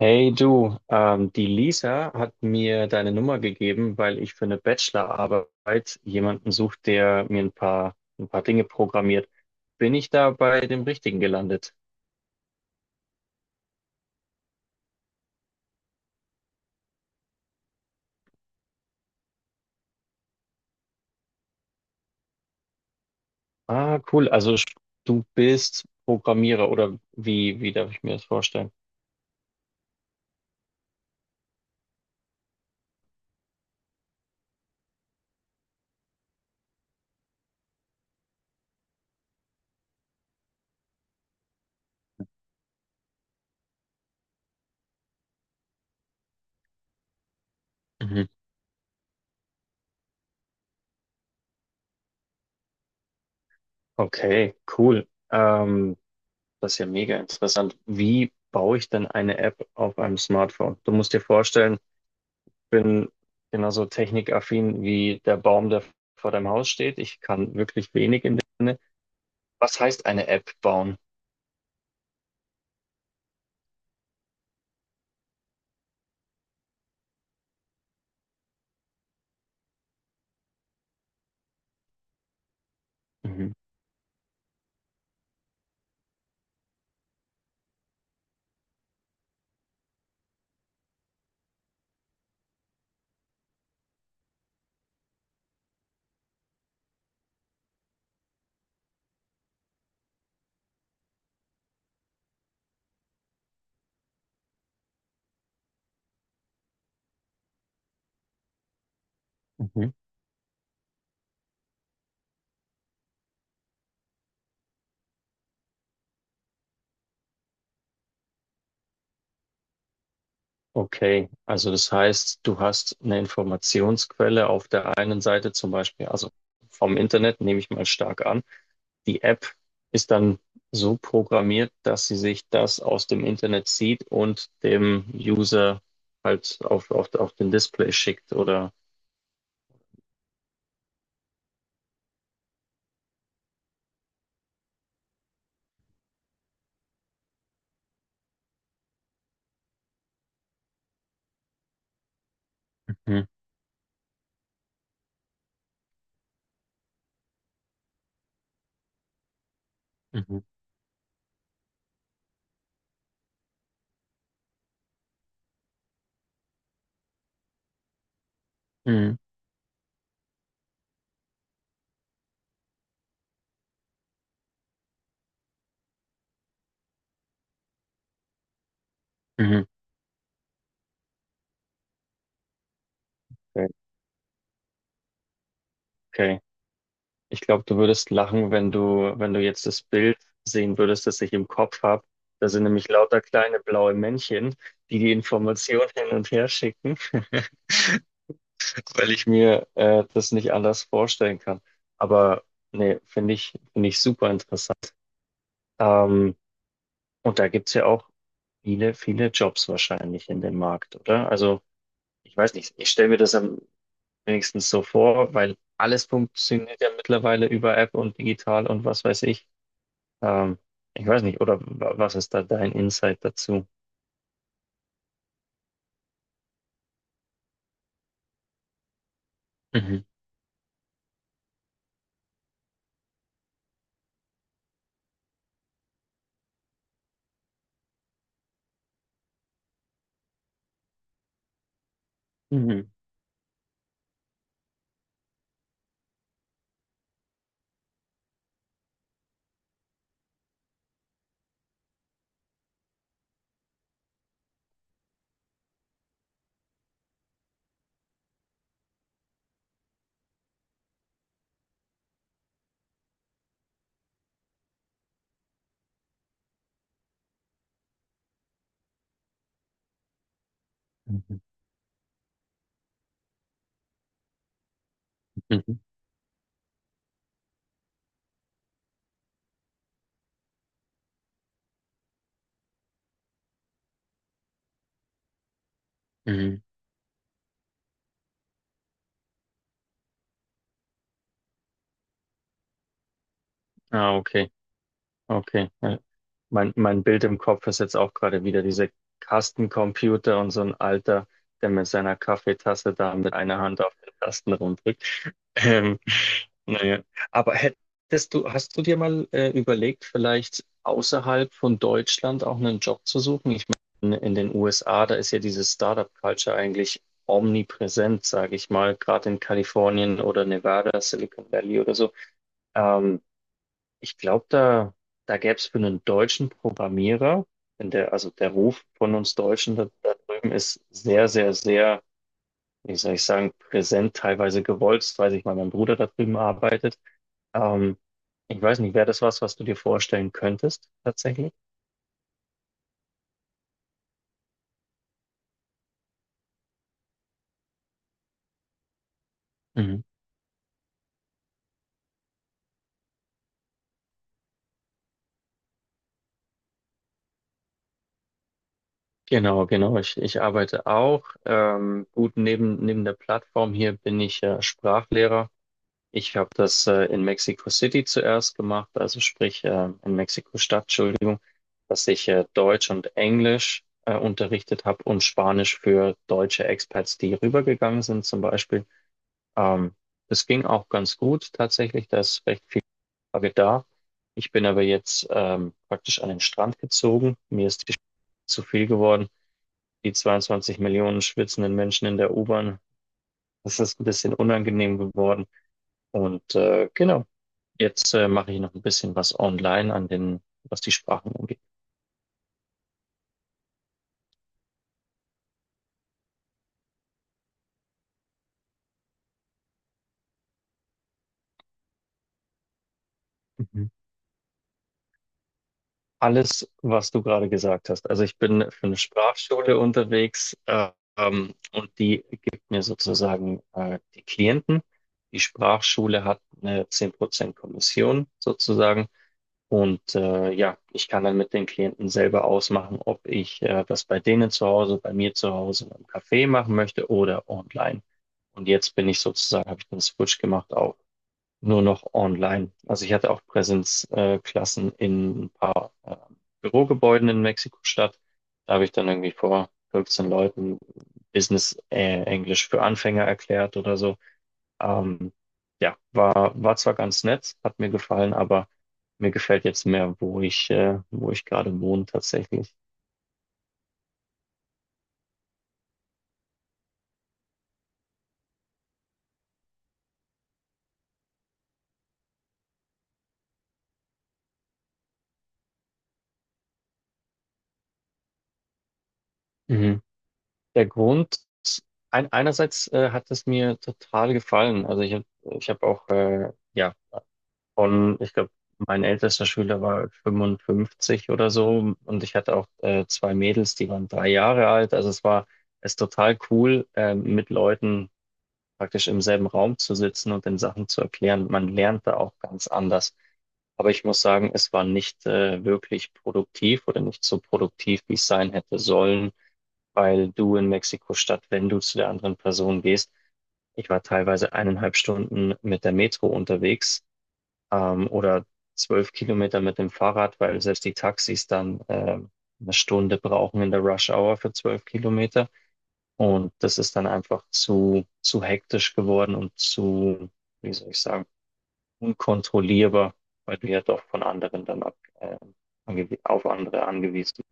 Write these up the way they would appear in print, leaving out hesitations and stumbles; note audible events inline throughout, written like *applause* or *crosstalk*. Hey du, die Lisa hat mir deine Nummer gegeben, weil ich für eine Bachelorarbeit jemanden suche, der mir ein paar Dinge programmiert. Bin ich da bei dem Richtigen gelandet? Ah, cool. Du bist Programmierer oder wie darf ich mir das vorstellen? Mhm. Okay, cool. Das ist ja mega interessant. Wie baue ich denn eine App auf einem Smartphone? Du musst dir vorstellen, bin genauso technikaffin wie der Baum, der vor deinem Haus steht. Ich kann wirklich wenig in dem Sinne. Was heißt eine App bauen? Mhm. Mhm. Okay, also das heißt, du hast eine Informationsquelle auf der einen Seite zum Beispiel, also vom Internet nehme ich mal stark an. Die App ist dann so programmiert, dass sie sich das aus dem Internet zieht und dem User halt auf den Display schickt oder. Mhm. Mhm. Mhm. Mhm. Okay. Ich glaube, du würdest lachen, wenn du, wenn du jetzt das Bild sehen würdest, das ich im Kopf habe. Da sind nämlich lauter kleine blaue Männchen, die die Information hin und her schicken, *laughs* weil ich mir das nicht anders vorstellen kann. Aber nee, finde ich super interessant. Ähm, und da gibt's ja auch viele, viele Jobs wahrscheinlich in dem Markt, oder? Also ich weiß nicht, ich stelle mir das am wenigstens so vor, weil alles funktioniert ja mittlerweile über App und digital und was weiß ich. Ähm, ich weiß nicht, oder was ist da dein Insight dazu? Mhm. Mhm. Mhm. Mhm. Mhm. Ah, okay. Okay. Ja. Mein Bild im Kopf ist jetzt auch gerade wieder diese Kastencomputer und so ein Alter, der mit seiner Kaffeetasse da mit einer Hand auf den Tasten rumdrückt. Ähm, naja, aber hast du dir mal überlegt, vielleicht außerhalb von Deutschland auch einen Job zu suchen? Ich meine, in den USA, da ist ja diese Startup-Culture eigentlich omnipräsent, sage ich mal, gerade in Kalifornien oder Nevada, Silicon Valley oder so. Ähm, ich glaube, da gäbe es für einen deutschen Programmierer, wenn der, also der Ruf von uns Deutschen da drüben ist sehr, sehr, sehr wie soll ich sagen, präsent, teilweise gewollt, weil ich mal mein Bruder da drüben arbeitet. Ähm, ich weiß nicht, wäre das was, was du dir vorstellen könntest, tatsächlich? Mhm. Genau, genau. Ich arbeite auch. Gut, neben der Plattform hier bin ich Sprachlehrer. Ich habe das in Mexico City zuerst gemacht, also sprich in Mexiko-Stadt, Entschuldigung, dass ich Deutsch und Englisch unterrichtet habe und Spanisch für deutsche Expats, die rübergegangen sind zum Beispiel. Ähm, das ging auch ganz gut tatsächlich, da ist recht viel Frage da. Ich bin aber jetzt praktisch an den Strand gezogen. Mir ist die zu viel geworden. Die 22 Millionen schwitzenden Menschen in der U-Bahn, das ist ein bisschen unangenehm geworden. Und genau, jetzt mache ich noch ein bisschen was online an den, was die Sprachen angeht. Mhm. Alles, was du gerade gesagt hast. Also ich bin für eine Sprachschule unterwegs, und die gibt mir sozusagen die Klienten. Die Sprachschule hat eine 10% Kommission sozusagen. Und ja, ich kann dann mit den Klienten selber ausmachen, ob ich das bei denen zu Hause, bei mir zu Hause im Café machen möchte oder online. Und jetzt bin ich sozusagen, habe ich den Switch gemacht auf nur noch online. Also ich hatte auch Präsenzklassen in ein paar Bürogebäuden in Mexiko-Stadt. Da habe ich dann irgendwie vor 15 Leuten Business Englisch für Anfänger erklärt oder so. Ähm, ja, war, war zwar ganz nett, hat mir gefallen, aber mir gefällt jetzt mehr, wo ich gerade wohne tatsächlich. Mhm. Der Grund, einerseits hat es mir total gefallen. Also ich habe ich hab auch ja, von, ich glaube, mein ältester Schüler war 55 oder so und ich hatte auch zwei Mädels, die waren 3 Jahre alt. Also es ist total cool, mit Leuten praktisch im selben Raum zu sitzen und den Sachen zu erklären. Man lernt da auch ganz anders. Aber ich muss sagen, es war nicht wirklich produktiv oder nicht so produktiv, wie es sein hätte sollen, weil du in Mexiko-Stadt, wenn du zu der anderen Person gehst, ich war teilweise 1,5 Stunden mit der Metro unterwegs oder 12 Kilometer mit dem Fahrrad, weil selbst die Taxis dann eine Stunde brauchen in der Rush Hour für 12 Kilometer. Und das ist dann einfach zu hektisch geworden und zu, wie soll ich sagen, unkontrollierbar, weil du ja doch von anderen dann auf andere angewiesen bist.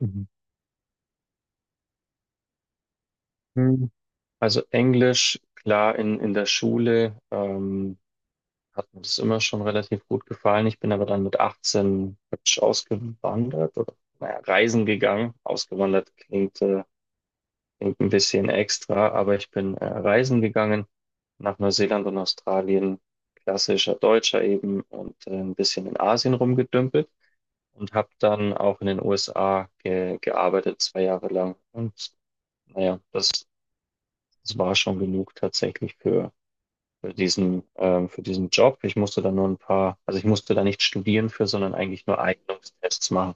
Mhm. Mhm. Also Englisch, klar, in der Schule. Hat mir das immer schon relativ gut gefallen. Ich bin aber dann mit 18 praktisch ausgewandert oder naja, reisen gegangen. Ausgewandert klingt, klingt ein bisschen extra, aber ich bin reisen gegangen nach Neuseeland und Australien, klassischer Deutscher eben und ein bisschen in Asien rumgedümpelt und habe dann auch in den USA ge gearbeitet, 2 Jahre lang. Und naja, das war schon genug tatsächlich für diesen Job. Ich musste da nur ein paar, also ich musste da nicht studieren für, sondern eigentlich nur Eignungstests machen.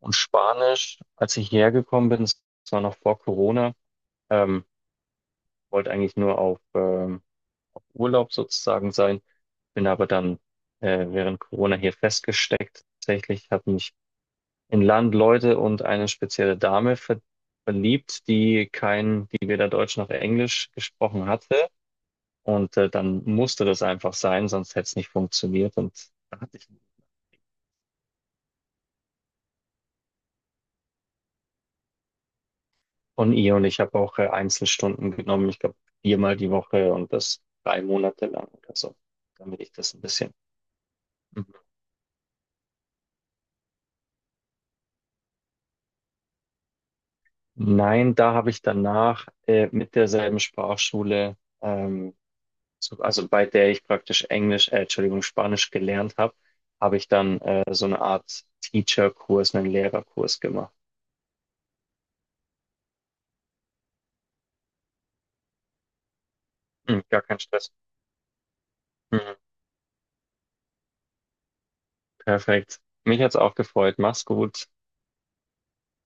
Und Spanisch, als ich hierher gekommen bin, das war noch vor Corona, ähm, wollte eigentlich nur auf Urlaub sozusagen sein, bin aber dann während Corona hier festgesteckt. Tatsächlich hat mich in Land Leute und eine spezielle Dame verliebt, die kein, die weder Deutsch noch Englisch gesprochen hatte. Und dann musste das einfach sein, sonst hätte es nicht funktioniert. Und da hatte ich von ihr und ich habe auch Einzelstunden genommen, ich glaube viermal die Woche und das 3 Monate lang oder so, damit ich das ein bisschen. Mhm. Nein, da habe ich danach mit derselben Sprachschule, so, also bei der ich praktisch Englisch, Entschuldigung, Spanisch gelernt habe, habe ich dann so eine Art Teacher-Kurs, einen Lehrerkurs gemacht. Mhm, gar kein Stress. Mhm, perfekt. Mich hat's auch gefreut. Mach's gut.